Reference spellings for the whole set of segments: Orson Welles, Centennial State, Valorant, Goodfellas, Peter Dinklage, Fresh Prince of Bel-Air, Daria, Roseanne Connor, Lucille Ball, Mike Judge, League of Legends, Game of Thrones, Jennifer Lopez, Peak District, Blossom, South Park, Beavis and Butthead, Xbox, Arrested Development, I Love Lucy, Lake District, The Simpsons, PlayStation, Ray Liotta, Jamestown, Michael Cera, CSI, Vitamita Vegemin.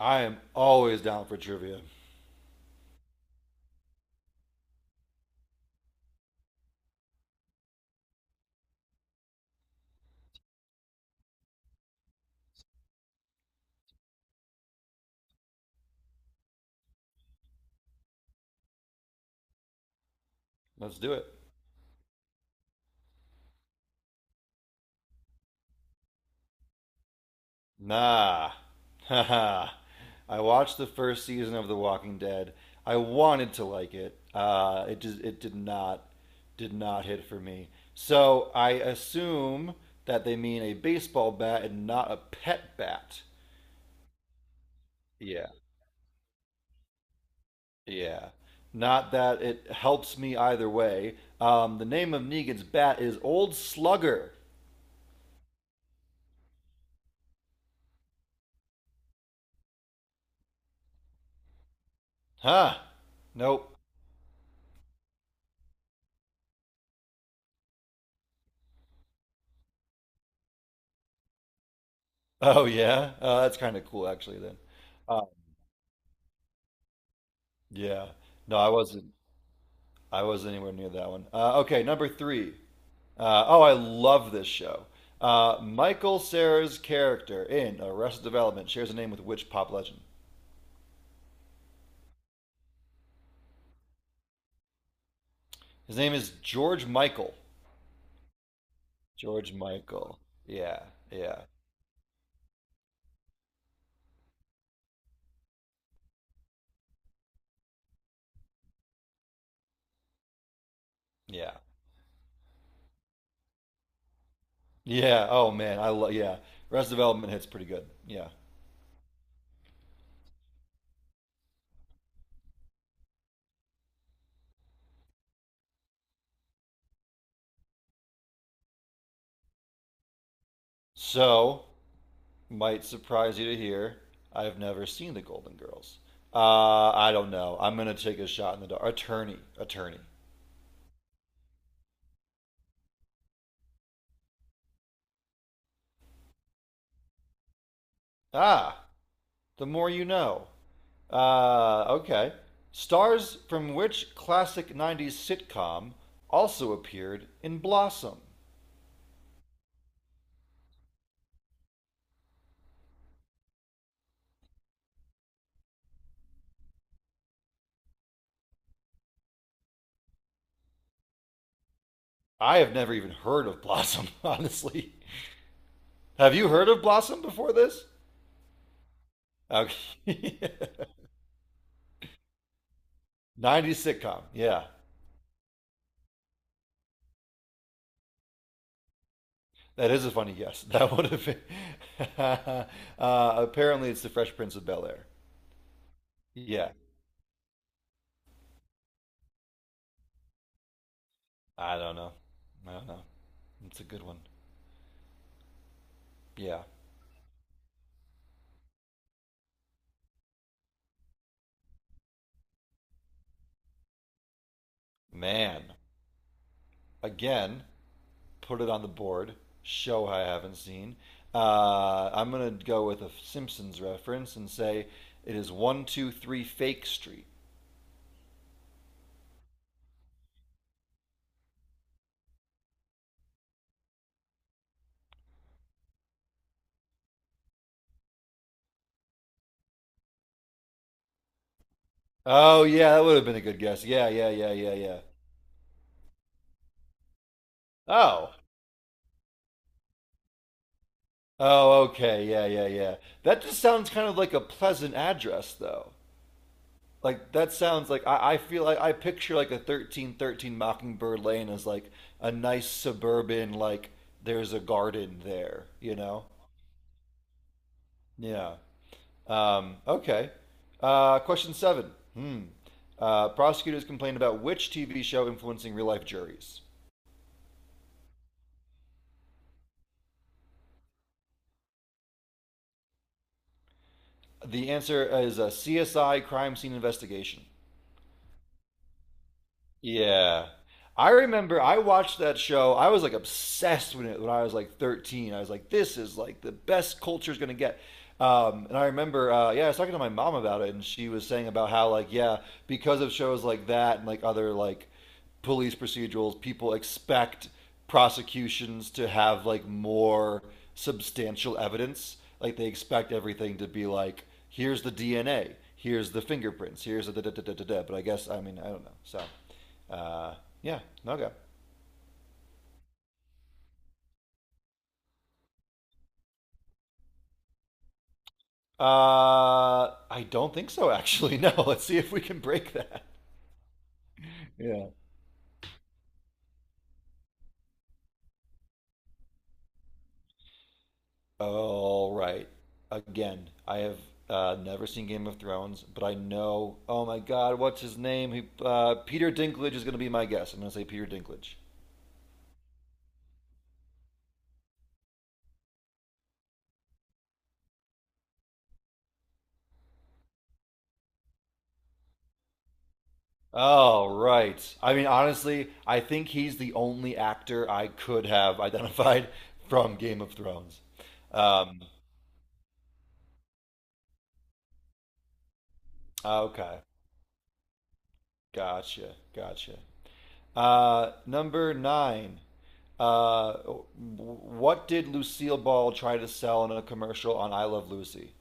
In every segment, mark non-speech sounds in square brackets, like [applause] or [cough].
I am always down for trivia. Let's do it. Nah. Haha. [laughs] I watched the first season of The Walking Dead. I wanted to like it. It just it did not hit for me. So I assume that they mean a baseball bat and not a pet bat. Yeah. Yeah. Not that it helps me either way. The name of Negan's bat is Old Slugger. Huh. Nope. Oh yeah, that's kind of cool actually. Then, uh, yeah. No, I wasn't. I wasn't anywhere near that one. Okay, number three. Oh, I love this show. Michael Cera's character in Arrested Development shares a name with which pop legend? His name is George Michael. George Michael. Yeah, yeah, yeah, yeah. Oh man, I love. Yeah, Arrested Development hits pretty good. Yeah. So. Might surprise you to hear I've never seen The Golden Girls. I don't know. I'm gonna take a shot in the dark. Attorney, attorney. Ah, the more you know. Okay. Stars from which classic 90s sitcom also appeared in Blossom? I have never even heard of Blossom, [laughs] honestly. Have you heard of Blossom before this? Okay. [laughs] 90s sitcom. Yeah. That is a funny guess. [laughs] That would have been. [laughs] uh, apparently, it's the Fresh Prince of Bel-Air. Yeah, I don't know. I don't know. It's a good one. Yeah. Man. Again, put it on the board. Show I haven't seen. I'm going to go with a Simpsons reference and say it is 123 Fake Street. Oh, yeah, that would have been a good guess. Yeah, yeah, yeah, yeah, yeah. Oh. Oh, okay. Yeah, yeah, yeah. That just sounds kind of like a pleasant address, though. Like that sounds like I feel like I picture like a 13 13 Mockingbird Lane as like a nice suburban like there's a garden there, you know? Yeah. Okay. Question seven. Hmm. Prosecutors complained about which TV show influencing real life juries. The answer is a CSI crime scene investigation. Yeah. I remember I watched that show. I was like obsessed with it when I was like 13. I was like, this is like the best culture's going to get. And I remember, yeah, I was talking to my mom about it, and she was saying about how, like, yeah, because of shows like that and like other like police procedurals, people expect prosecutions to have like more substantial evidence. Like, they expect everything to be like, here's the DNA, here's the fingerprints, here's the da da da da da da. But I guess, I mean, I don't know. So. Uh, yeah, no go. I don't think so, actually. [laughs] No, let's see if we can break that. Yeah. All right. Again, I have never seen Game of Thrones, but I know. Oh my God, what's his name? Peter Dinklage is going to be my guess. I'm going to say Peter Dinklage. All right. I mean, honestly, I think he's the only actor I could have [laughs] identified from Game of Thrones. Um, okay, gotcha, gotcha. Number nine. Uh, what did Lucille Ball try to sell in a commercial on I Love Lucy?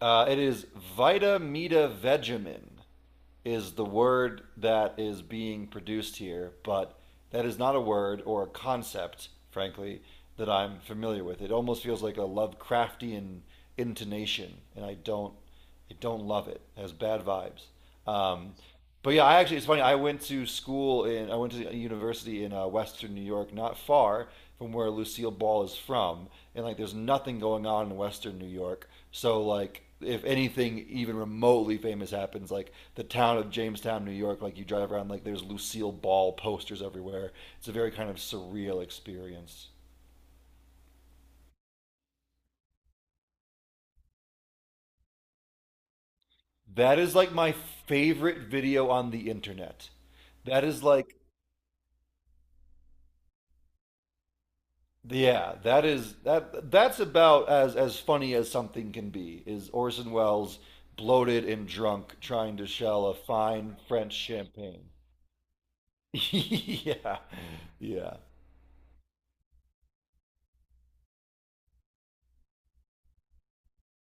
It is Vitamita Vegemin is the word that is being produced here, but that is not a word or a concept, frankly, that I'm familiar with. It almost feels like a Lovecraftian intonation, and I don't love it. It has bad vibes. Um, But yeah, I actually it's funny. I went to a university in Western New York, not far from where Lucille Ball is from, and like there's nothing going on in Western New York. So like if anything even remotely famous happens, like the town of Jamestown, New York, like you drive around, like there's Lucille Ball posters everywhere. It's a very kind of surreal experience. That is like my favorite video on the internet. That is like Yeah, that is that that's about as funny as something can be, is Orson Welles bloated and drunk trying to shell a fine French champagne. [laughs] Yeah. Yeah.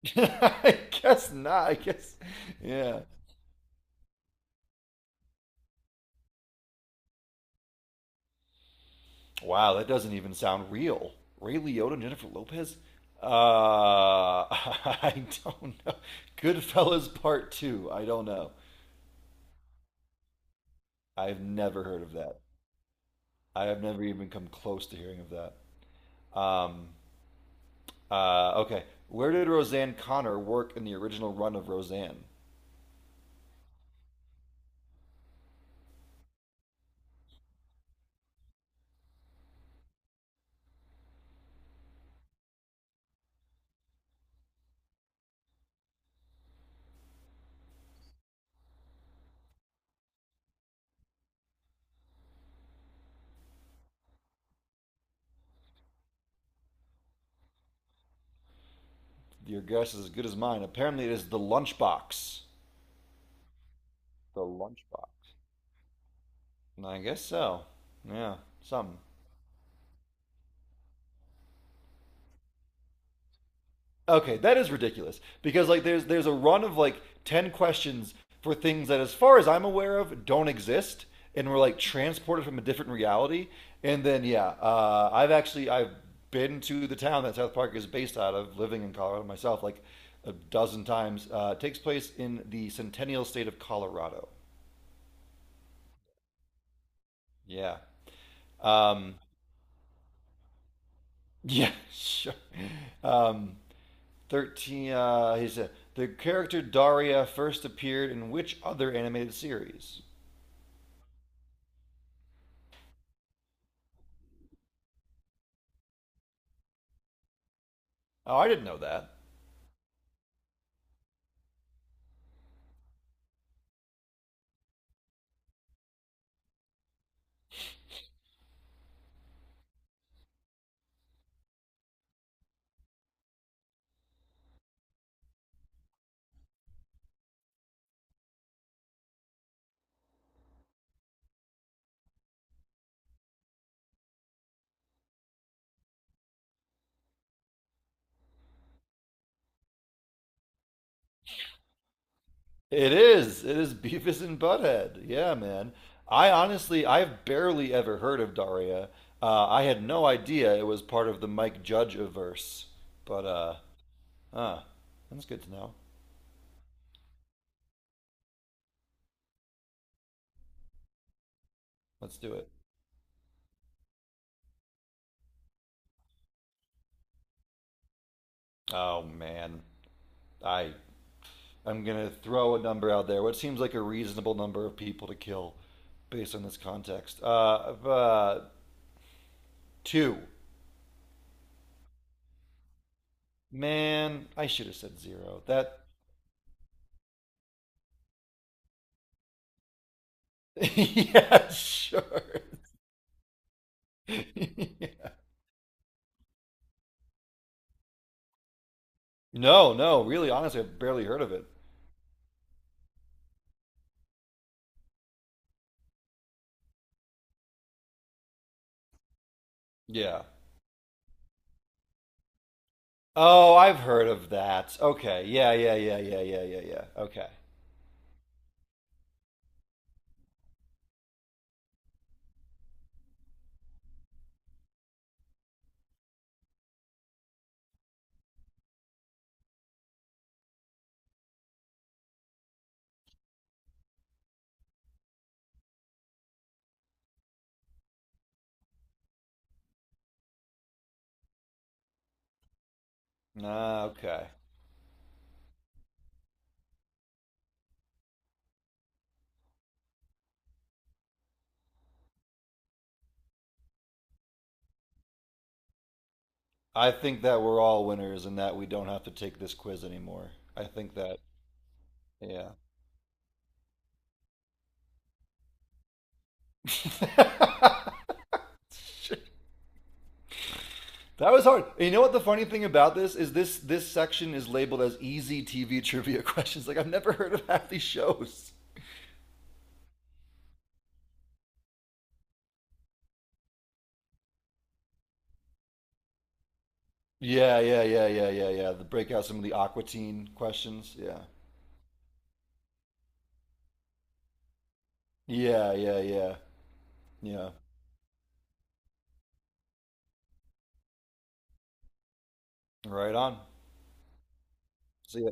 [laughs] I guess not. Yeah. Wow, that doesn't even sound real. Ray Liotta and Jennifer Lopez? [laughs] I don't know. Goodfellas Part Two. I don't know. I've never heard of that. I have never even come close to hearing of that. Um, okay. Where did Roseanne Connor work in the original run of Roseanne? Your guess is as good as mine. Apparently, it is the lunchbox. The lunchbox. I guess so. Yeah, something. Okay, that is ridiculous because like there's a run of like 10 questions for things that as far as I'm aware of don't exist and were like transported from a different reality. And then yeah, I've been to the town that South Park is based out of, living in Colorado myself like a dozen times. It takes place in the Centennial State of Colorado. Yeah. Um, yeah, [laughs] sure. Um, 13. The character Daria first appeared in which other animated series? Oh, I didn't know that. It is. It is Beavis and Butthead. Yeah, man. I honestly, I've barely ever heard of Daria. I had no idea it was part of the Mike Judge verse. But, huh. That's good to know. Let's do it. Oh, man. I, I'm going to throw a number out there, what seems like a reasonable number of people to kill based on this context. Two. Man, I should have said zero. That. [laughs] yeah, sure. [laughs] Yeah. No, no, really, honestly, I've barely heard of it. Yeah. Oh, I've heard of that. Okay. Yeah, yeah, yeah, yeah, yeah, yeah, yeah. Okay. Ah, okay. I think that we're all winners and that we don't have to take this quiz anymore. I think that, yeah. That was hard. You know what the funny thing about this is this section is labeled as easy TV trivia [laughs] questions. Like I've never heard of half these shows. Yeah, yeah, yeah, yeah, yeah, yeah. The break out some of the Aquatine questions. Yeah. Yeah, yeah, yeah. Yeah. Right on. See ya.